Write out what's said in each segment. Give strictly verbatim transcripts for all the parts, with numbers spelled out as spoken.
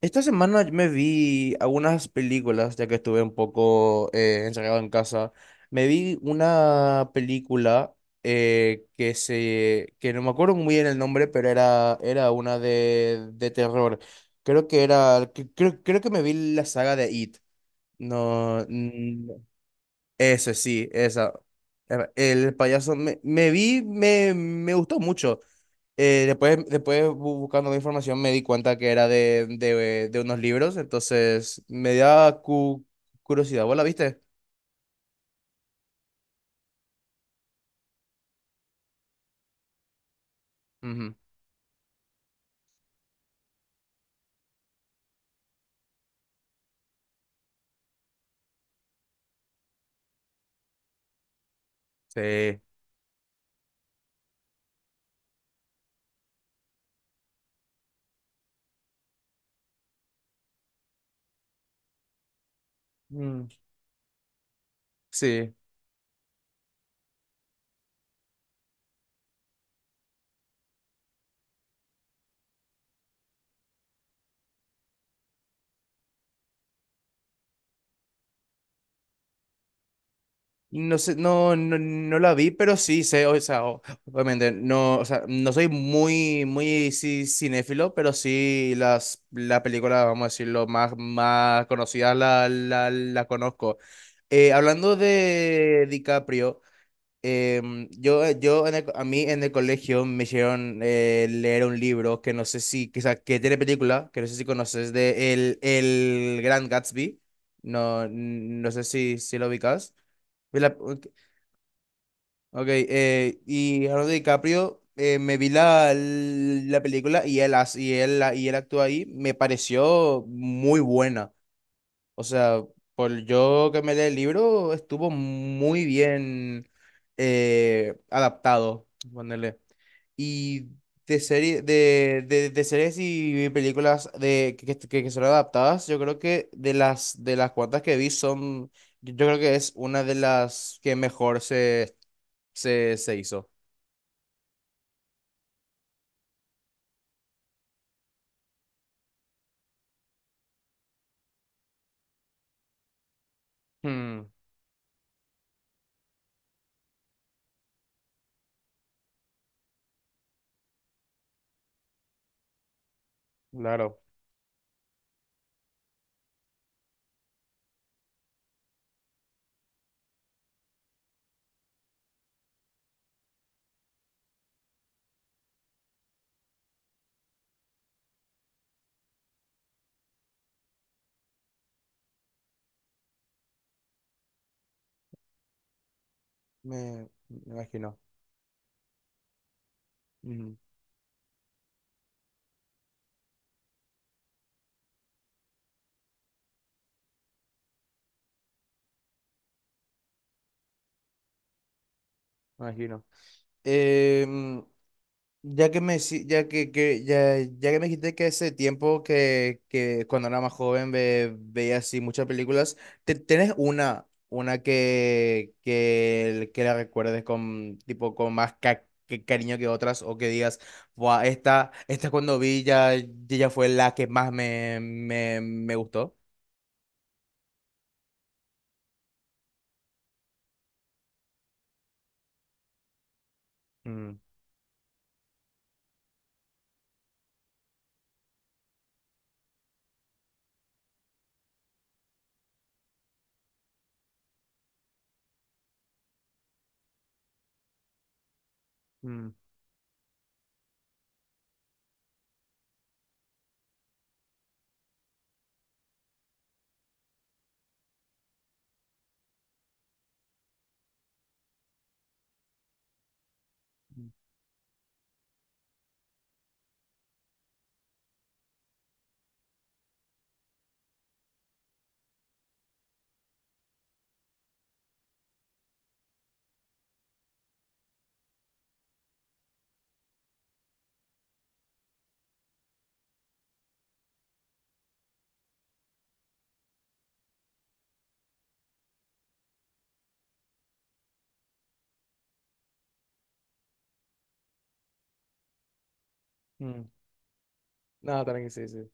Esta semana me vi algunas películas, ya que estuve un poco eh, encerrado en casa. Me vi una película eh, que se, que no me acuerdo muy bien el nombre, pero era, era una de, de terror. Creo que era, cre- creo, creo que me vi la saga de It. No, eso sí, esa. Era- El payaso me, me vi, me, me gustó mucho. Eh, después, después bu- buscando la información me di cuenta que era de, de, de unos libros, entonces me da cu- curiosidad. ¿Vos la viste? Ujú. Sí. Mm, sí. No sé, no, no, no la vi, pero sí sé, o sea, o- obviamente, no, o sea, no soy muy, muy ci- cinéfilo, pero sí las, la película, vamos a decirlo, más, más conocida la, la, la conozco. Eh, hablando de DiCaprio, Em, yo, eh, yo en el a mí en el colegio me hicieron eh, leer un libro que no sé si, que, o sea, que tiene película, que no sé si conoces, de El, el Gran Gatsby. No, no sé si, si lo ubicas. Vi la- Ok, ok, eh, y Leonardo DiCaprio, eh, me vi la, la película y él, hace- y él, y él actúa ahí, me pareció muy buena. O sea, por yo que me leí el libro, estuvo muy bien eh, adaptado, ponerle. Y de serie, de, de, de series y películas de, que, que, que son adaptadas, yo creo que de las, de las cuantas que vi son, yo creo que es una de las que mejor se, se, se hizo. Hmm, claro, me, me imagino. Ujú, me imagino. Em, Ya que me, si- ya que, que- ya, ya que me dijiste que ese tiempo que, que cuando era más joven ve- veía así muchas películas, ¿te, ¿tenés una, una que, que, que la recuerdes con, tipo, con más ca- que cariño que otras? ¿O que digas, buah, esta, esta cuando vi ya, ya fue la que más me, me, me gustó? Mm, mm, mm. No, también que sí, sí.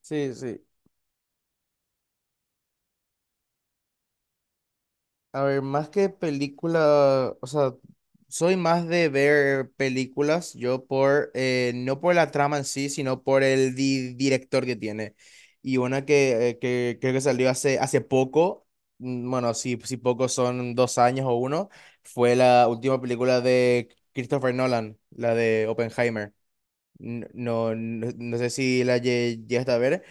Sí, sí. A ver, más que película, o sea, soy más de ver películas, yo por, eh, no por la trama en sí, sino por el di- director que tiene. Y una que, eh, que creo que salió hace, hace poco, mm, bueno, si, si poco son dos años o uno, fue la última película de Christopher Nolan, la de Oppenheimer. N- No, no, no sé si la lle- llegaste a ver.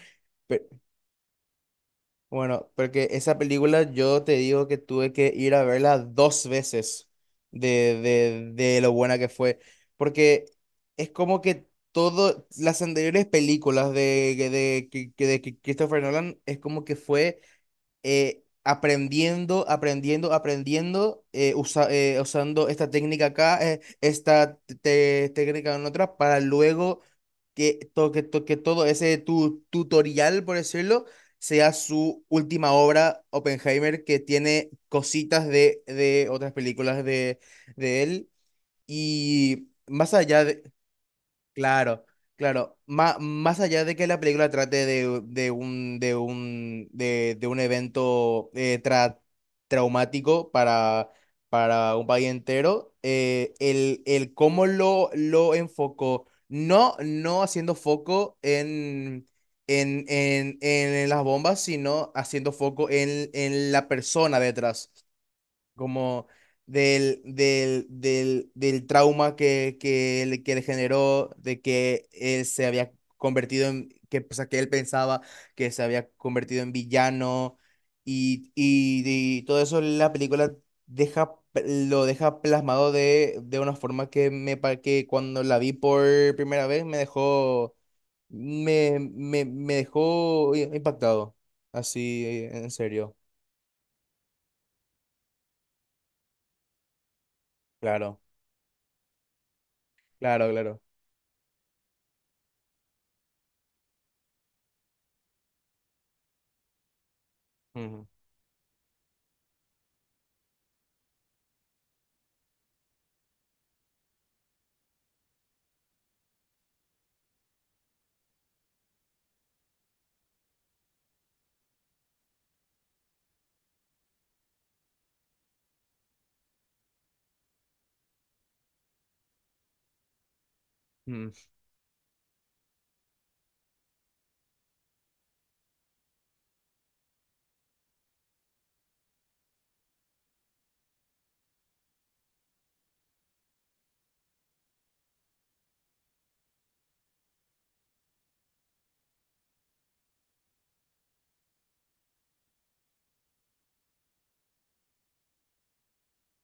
Bueno, porque esa película yo te digo que tuve que ir a verla dos veces de, de, de lo buena que fue, porque es como que todas las anteriores películas de, que- de, que- que- de que Christopher Nolan es como que fue eh, aprendiendo, aprendiendo, aprendiendo, eh, usa- eh, usando esta técnica acá, eh, esta te- técnica en otra, para luego que, to- que, to- que todo ese tu- tutorial, por decirlo, sea su última obra, Oppenheimer, que tiene cositas de, de otras películas de, de él. Y más allá de, claro, claro. Má- más allá de que la película trate de, de un, de un, de, de un evento eh, tra- traumático para, para un país entero, eh, el, el cómo lo, lo enfocó, no, no haciendo foco en, en, en, en las bombas, sino haciendo foco en, en la persona detrás como del, del, del, del trauma que, que, le, que le generó, de que él se había convertido en, que, o sea, que él pensaba que se había convertido en villano y, y, y todo eso la película deja, lo deja plasmado de, de una forma que, me, pa- que cuando la vi por primera vez me dejó, me, me, me dejó impactado, así, en serio, claro, claro, claro. Ujú, ujú.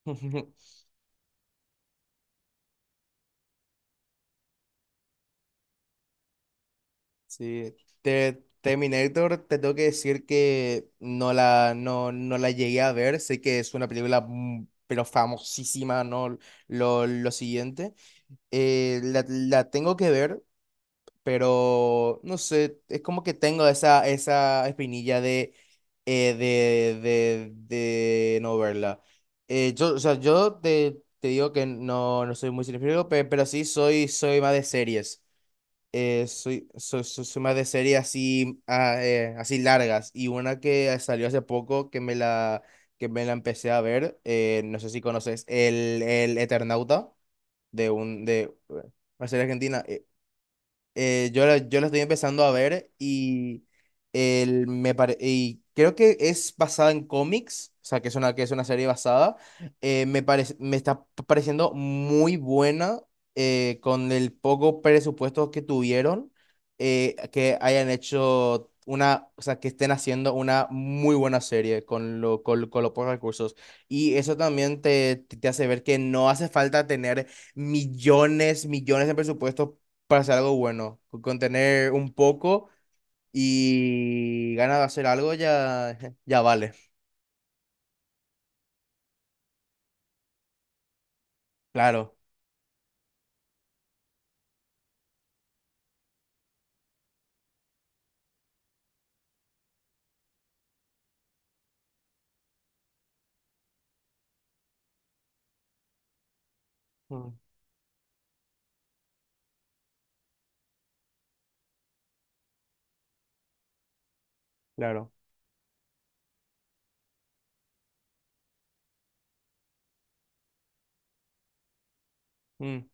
Sí, te, Terminator, te tengo que decir que no la, no, no la llegué a ver, sé que es una película mm, pero famosísima, ¿no? Lo, lo siguiente. Eh, la, la tengo que ver, pero no sé, es como que tengo esa, esa espinilla de, eh, de, de, de no verla. Eh, yo, o sea, yo te, te digo que no, no soy muy cinéfilo, pe- pero sí soy, soy más de series. Eh, soy, soy, soy, soy más de series así, ah, eh, así largas. Y una que salió hace poco que me la, que me la empecé a ver, eh, no sé si conoces, el, el Eternauta, de un, de eh, una serie argentina. Eh, eh, yo la- yo la estoy empezando a ver y, el, me pare- y creo que es basada en cómics, o sea, que es una, que es una serie basada. Eh, me parece, me está pareciendo muy buena eh, con el poco presupuesto que tuvieron, eh, que hayan hecho una, o sea, que estén haciendo una muy buena serie con lo, con, con los pocos recursos. Y eso también te, te hace ver que no hace falta tener millones, millones de presupuestos para hacer algo bueno. Con con tener un poco y ganas de hacer algo ya, ya vale. Claro, mm, claro. Mm,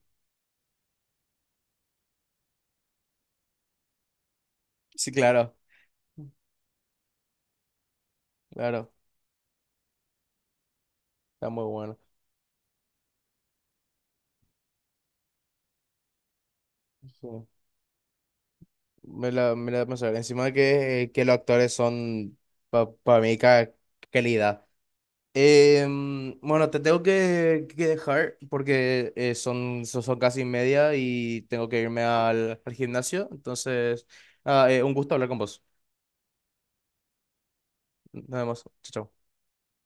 sí, claro, claro. Está muy bueno. Sí. Me la, me la pensé. Encima de que, que los actores son para mí ca- calidad. Em, bueno, te tengo que, que dejar porque eh, son, son, son casi media y tengo que irme al, al gimnasio. Entonces, nada, eh, un gusto hablar con vos. Nada más. Chao. Chao.